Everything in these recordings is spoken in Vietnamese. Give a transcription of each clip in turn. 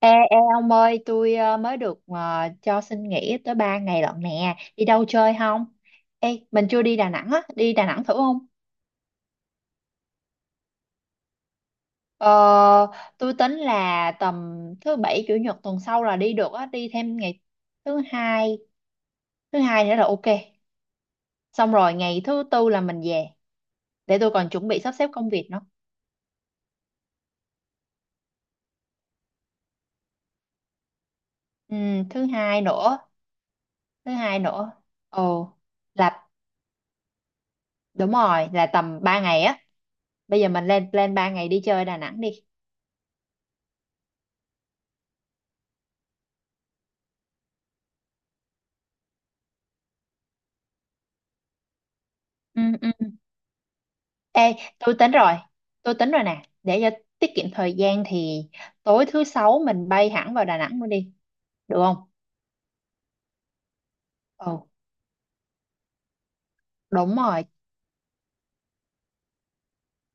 Ê, ê ông ơi, tôi mới được cho xin nghỉ tới 3 ngày lận nè. Đi đâu chơi không? Ê, mình chưa đi Đà Nẵng á, đi Đà Nẵng thử không? Ờ, tôi tính là tầm thứ bảy chủ nhật tuần sau là đi được á, đi thêm ngày thứ hai, nữa là ok. Xong rồi ngày thứ tư là mình về, để tôi còn chuẩn bị sắp xếp công việc nữa. Ừ, thứ hai nữa, thứ hai nữa. Ồ, là đúng rồi, là tầm 3 ngày á. Bây giờ mình lên plan 3 ngày đi chơi Đà Nẵng đi. Ừ, ừ. Ê, tôi tính rồi, tôi tính rồi nè, để cho tiết kiệm thời gian thì tối thứ sáu mình bay hẳn vào Đà Nẵng luôn đi, được không? Ừ, đúng rồi.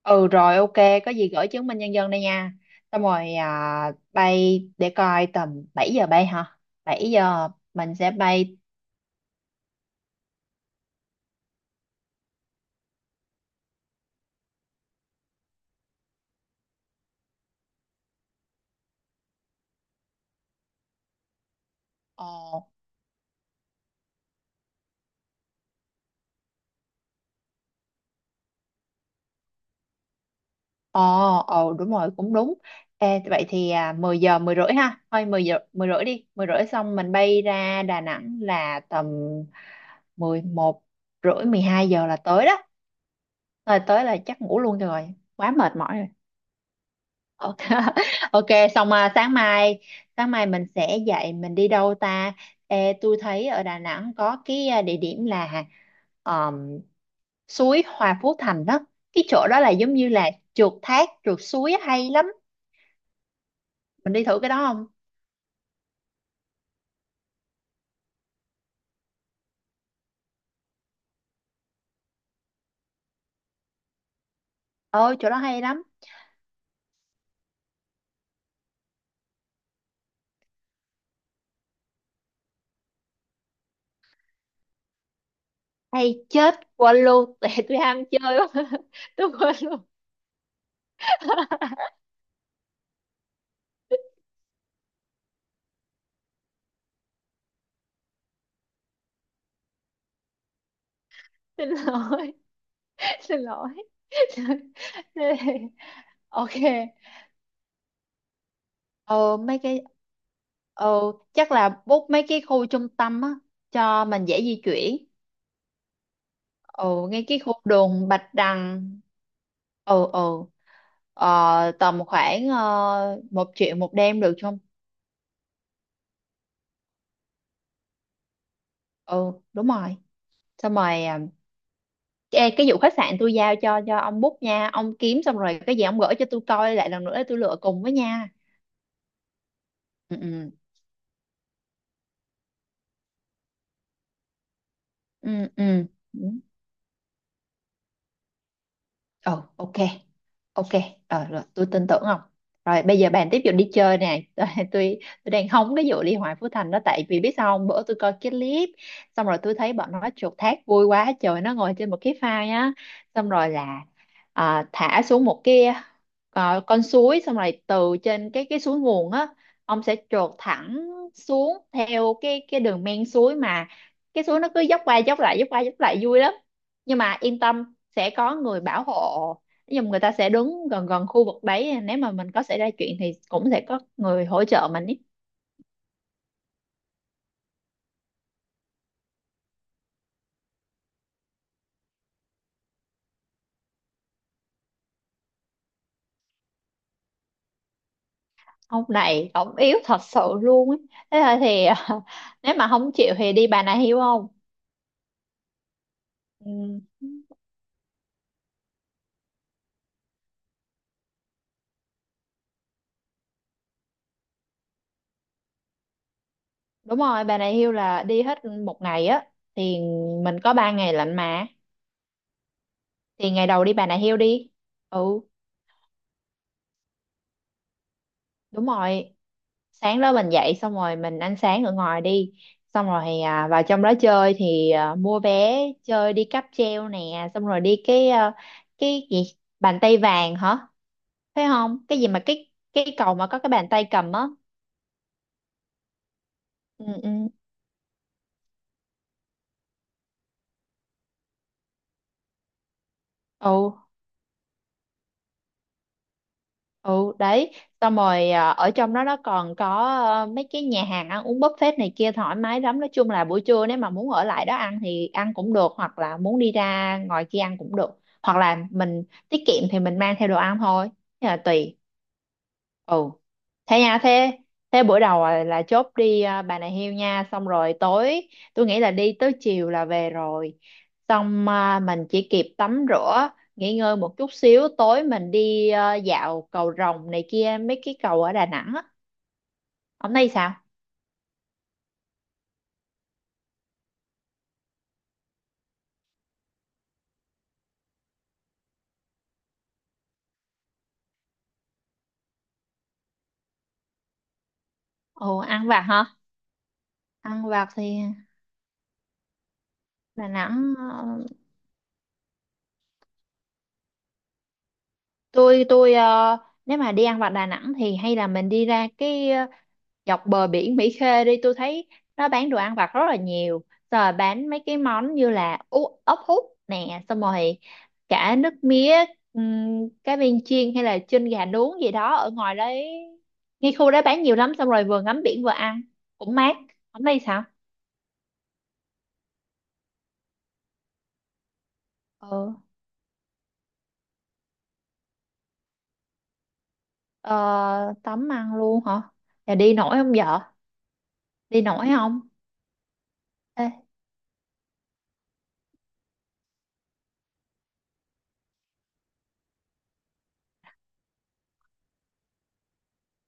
Ừ rồi, ok, có gì gửi chứng minh nhân dân đây nha. Xong rồi bay để coi tầm 7 giờ bay hả? 7 giờ mình sẽ bay. Ồ, Ồ, ồ đúng rồi, cũng đúng. Ê, vậy thì 10 giờ 10 rưỡi ha. Thôi 10 giờ 10 rưỡi đi, 10 rưỡi xong mình bay ra Đà Nẵng là tầm 11 rưỡi 12 giờ là tới đó. Rồi tới là chắc ngủ luôn cho rồi, quá mệt mỏi rồi. Ok, ok xong sáng mai mình sẽ dậy mình đi đâu ta? Ê, tôi thấy ở Đà Nẵng có cái địa điểm là ờm, suối Hòa Phú Thành đó. Cái chỗ đó là giống như là trượt thác, trượt suối hay lắm, mình đi thử cái đó không? Ôi chỗ đó hay lắm, hay chết quên luôn. Tại tôi ham chơi quá, tôi quên luôn. Xin lỗi, xin lỗi. Ok, ờ, mấy cái ờ, chắc là bút mấy cái khu trung tâm á cho mình dễ di chuyển, ờ, ngay cái khu đường Bạch Đằng. Ừ, ừ, tầm khoảng 1 triệu một đêm được không? Ừ đúng rồi, xong rồi à. Ê, cái vụ khách sạn tôi giao cho ông book nha, ông kiếm xong rồi cái gì ông gửi cho tôi coi lại lần nữa để tôi lựa cùng với nha. Ừ ừ ừ ừ. Ồ, ok. Ok, ờ, rồi tôi tin tưởng không? Rồi bây giờ bàn tiếp vụ đi chơi nè. Tôi tôi đang hóng cái vụ Liên Hoan Phú Thành đó, tại vì biết sao không? Bữa tôi coi cái clip xong rồi tôi thấy bọn nó chuột thác vui quá trời, nó ngồi trên một cái phao á. Xong rồi là thả xuống một cái con suối, xong rồi từ trên cái suối nguồn á, ông sẽ chuột thẳng xuống theo cái đường men suối, mà cái suối nó cứ dốc qua dốc lại dốc qua dốc lại vui lắm. Nhưng mà yên tâm, sẽ có người bảo hộ, nhưng người ta sẽ đứng gần gần khu vực đấy, nếu mà mình có xảy ra chuyện thì cũng sẽ có người hỗ trợ mình ý. Ông này ông yếu thật sự luôn ấy, thế là thì nếu mà không chịu thì đi bà này hiêu không? Ừ, đúng rồi, bà này hiêu là đi hết 1 ngày á, thì mình có 3 ngày lạnh mà. Thì ngày đầu đi bà này hiêu đi. Ừ đúng rồi, sáng đó mình dậy xong rồi mình ăn sáng ở ngoài đi, xong rồi vào trong đó chơi thì mua vé chơi đi cáp treo nè, xong rồi đi cái cái gì bàn tay vàng hả? Phải không, cái gì mà cái cầu mà có cái bàn tay cầm á. Ừ ừ ừ ừ đấy. Xong rồi ở trong đó nó còn có mấy cái nhà hàng ăn uống buffet này kia thoải mái lắm, nói chung là buổi trưa nếu mà muốn ở lại đó ăn thì ăn cũng được, hoặc là muốn đi ra ngoài kia ăn cũng được, hoặc là mình tiết kiệm thì mình mang theo đồ ăn thôi, thế là tùy. Ừ, thế nha, thế thế bữa đầu là chốt đi Bà Nà Hills nha, xong rồi tối tôi nghĩ là đi tới chiều là về rồi, xong mình chỉ kịp tắm rửa nghỉ ngơi một chút xíu, tối mình đi dạo cầu Rồng này kia mấy cái cầu ở Đà Nẵng á. Hôm nay sao? Ồ ăn vặt hả? Ăn vặt thì Đà Nẵng ờ, tôi nếu mà đi ăn vặt Đà Nẵng thì hay là mình đi ra cái dọc bờ biển Mỹ Khê đi, tôi thấy nó bán đồ ăn vặt rất là nhiều, rồi bán mấy cái món như là ốc hút nè, xong rồi cả nước mía, cá viên chiên hay là chân gà nướng gì đó ở ngoài đấy, ngay khu đó bán nhiều lắm, xong rồi vừa ngắm biển vừa ăn cũng mát. Không đây sao? Ừ, ờ, tắm ăn luôn hả? Là đi nổi không vợ? Đi nổi không? Ê,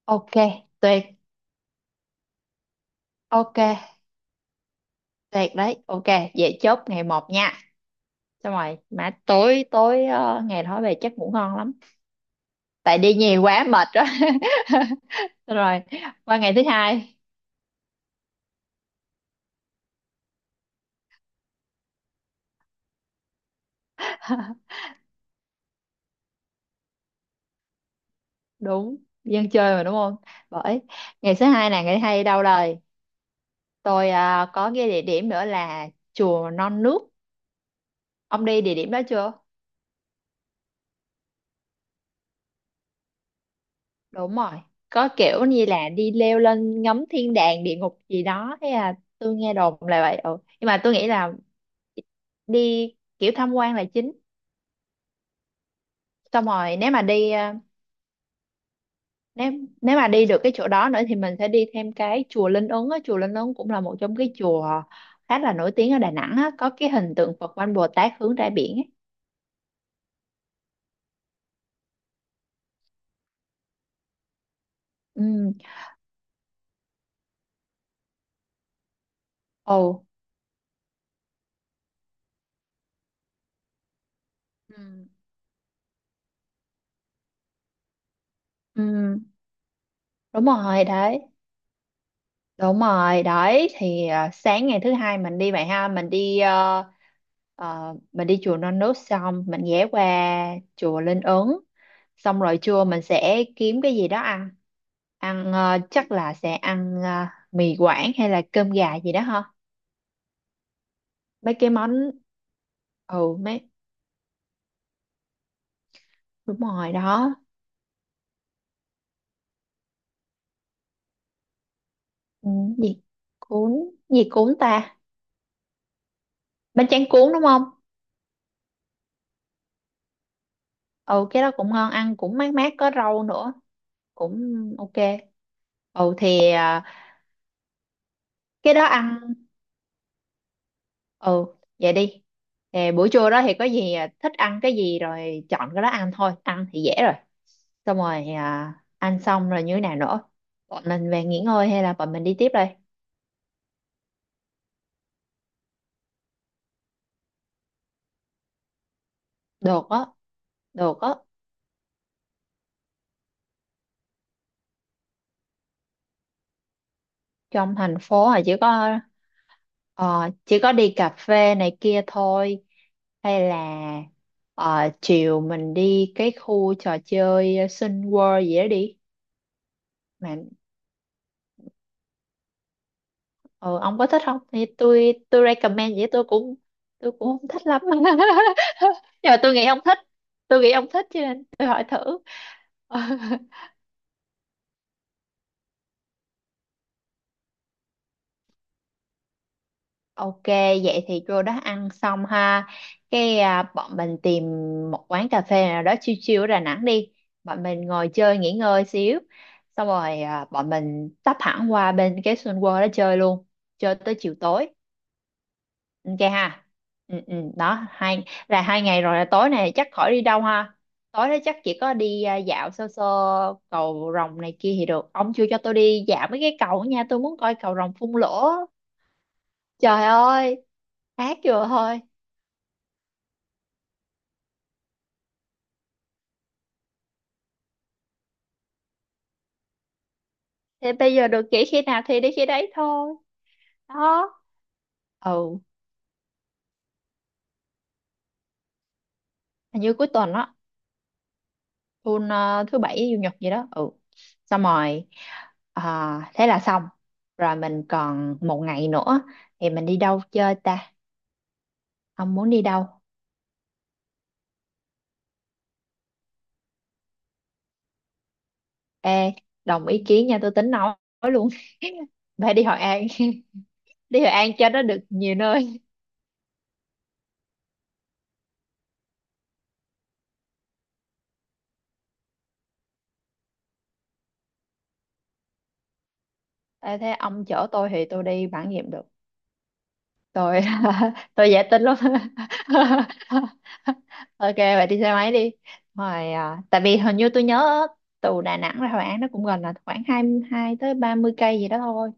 ok, tuyệt. Ok, tuyệt đấy, ok, vậy chốt ngày một nha. Xong rồi mà tối tối ngày đó về chắc ngủ ngon lắm tại đi nhiều quá mệt đó. Xong rồi qua ngày thứ hai. Đúng, dân chơi mà đúng không? Bởi ngày thứ hai là ngày thứ hai đi đâu rồi? Tôi có nghe địa điểm nữa là chùa Non Nước. Ông đi địa điểm đó chưa? Đúng rồi. Có kiểu như là đi leo lên ngắm thiên đàng địa ngục gì đó. Thế à, tôi nghe đồn là vậy. Ừ. Nhưng mà tôi nghĩ là đi kiểu tham quan là chính. Xong rồi nếu mà đi nếu nếu mà đi được cái chỗ đó nữa thì mình sẽ đi thêm cái chùa Linh Ứng á. Chùa Linh Ứng cũng là một trong cái chùa khá là nổi tiếng ở Đà Nẵng á. Có cái hình tượng Phật Quan Bồ Tát hướng ra biển ấy. Ừ. Ồ. Ừ. Ừ, đúng rồi đấy. Đúng rồi, đấy thì sáng ngày thứ hai mình đi vậy ha, mình đi mình đi chùa Non Nước xong mình ghé qua chùa Linh Ứng. Xong rồi trưa mình sẽ kiếm cái gì đó ăn. Ăn chắc là sẽ ăn mì Quảng hay là cơm gà gì đó ha. Mấy cái món, ừ mấy, đúng rồi đó. Ừ, gì cuốn, gì cuốn ta? Bánh tráng cuốn đúng không? Ừ cái đó cũng ngon, ăn cũng mát mát có rau nữa, cũng ok. Ừ thì ờ, cái đó ăn, ừ vậy đi. Nè, buổi trưa đó thì có gì thích ăn cái gì rồi chọn cái đó ăn thôi, ăn thì dễ rồi, xong rồi ăn xong rồi như thế nào nữa, bọn mình về nghỉ ngơi hay là bọn mình đi tiếp đây? Được á, được á. Trong thành phố là chỉ có chỉ có đi cà phê này kia thôi, hay là ờ, chiều mình đi cái khu trò chơi Sun World gì đó đi, mà ừ, ông có thích không thì tôi recommend vậy, tôi cũng không thích lắm. Nhưng mà tôi nghĩ ông thích, tôi nghĩ ông thích cho nên tôi hỏi thử. Ok, vậy thì cô đó ăn xong ha, cái bọn mình tìm một quán cà phê nào đó chill chill ở Đà Nẵng đi, bọn mình ngồi chơi nghỉ ngơi xíu, xong rồi bọn mình tấp hẳn qua bên cái Sun World đó chơi luôn, chơi tới chiều tối. Ok ha. Ừ, ừ, đó hai là hai ngày rồi, là tối này chắc khỏi đi đâu ha, tối đó chắc chỉ có đi dạo sơ sơ cầu rồng này kia thì được, ông chưa cho tôi đi dạo mấy cái cầu nha, tôi muốn coi cầu rồng phun lửa, trời ơi ác vừa thôi. Thì bây giờ được nghỉ khi nào thì đi khi đấy thôi. Đó, ừ hình như cuối tuần đó, tuần thứ bảy chủ nhật gì đó ừ. Xong rồi ờ, thế là xong rồi, mình còn một ngày nữa thì mình đi đâu chơi ta? Ông muốn đi đâu? Ê, đồng ý kiến nha, tôi tính nói luôn. Phải đi Hội An. Đi Hội An cho nó được nhiều nơi. Ê, thế ông chở tôi thì tôi đi bản nghiệm được, tôi tôi dễ tính lắm. Ok vậy đi xe máy đi. Rồi tại vì hình như tôi nhớ từ Đà Nẵng ra Hội An nó cũng gần là khoảng 22 tới 30 cây gì đó thôi.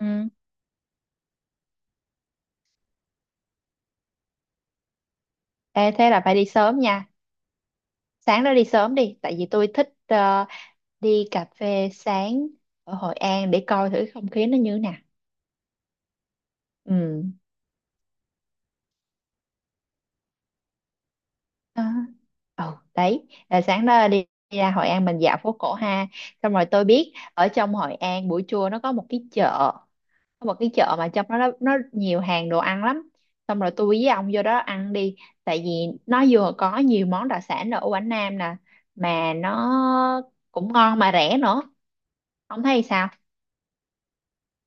Ừ. Ê thế là phải đi sớm nha, sáng đó đi sớm đi tại vì tôi thích đi cà phê sáng ở Hội An để coi thử không khí nó như thế nào. Ừ đó. Ừ đấy là sáng đó đi, đi ra Hội An mình dạo phố cổ ha, xong rồi tôi biết ở trong Hội An buổi trưa nó có một cái chợ, có một cái chợ mà trong đó nó nhiều hàng đồ ăn lắm, xong rồi tôi với ông vô đó ăn đi, tại vì nó vừa có nhiều món đặc sản ở Quảng Nam nè mà nó cũng ngon mà rẻ nữa. Ông thấy sao?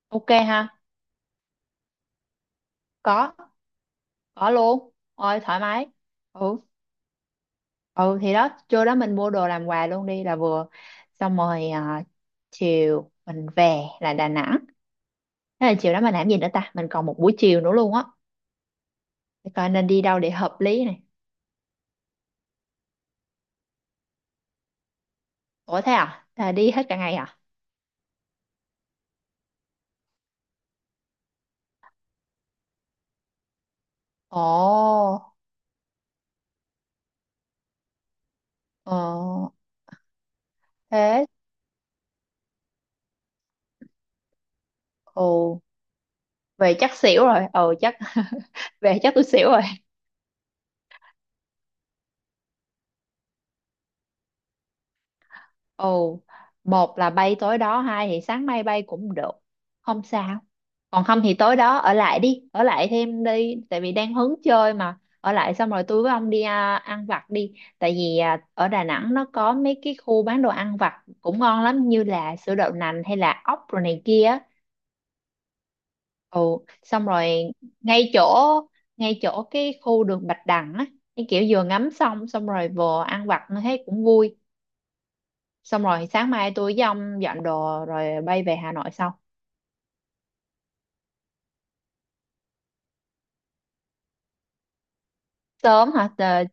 Ok ha, có có luôn ôi thoải mái. Ừ ừ thì đó trưa đó mình mua đồ làm quà luôn đi là vừa, xong rồi chiều mình về là Đà Nẵng, thế là chiều đó mình làm gì nữa ta, mình còn một buổi chiều nữa luôn á, để coi nên đi đâu để hợp lý này. Ủa thế à là đi hết cả ngày à? Ồ, ờ thế, ồ về chắc xỉu rồi, ừ chắc về chắc tôi xỉu rồi. Ồ, một là bay tối đó, hai thì sáng mai bay cũng được. Không sao. Còn không thì tối đó ở lại đi, ở lại thêm đi, tại vì đang hứng chơi mà. Ở lại xong rồi tôi với ông đi ăn vặt đi. Tại vì ở Đà Nẵng nó có mấy cái khu bán đồ ăn vặt cũng ngon lắm, như là sữa đậu nành hay là ốc rồi này kia. Á. Ồ, xong rồi ngay chỗ ngay chỗ cái khu đường Bạch Đằng á, cái kiểu vừa ngắm xong xong rồi vừa ăn vặt nó thấy cũng vui, xong rồi sáng mai tôi với ông dọn đồ rồi bay về Hà Nội sau. Sớm hả Tờ,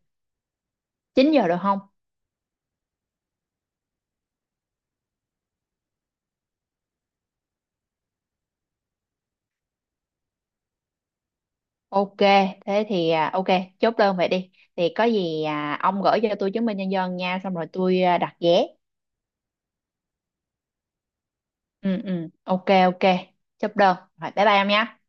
9 giờ được không? Ok, thế thì ok, chốt đơn vậy đi thì có gì ông gửi cho tôi chứng minh nhân dân nha, xong rồi tôi đặt vé. Ừ ừ ok ok, chốt đơn rồi bye bye em nhé.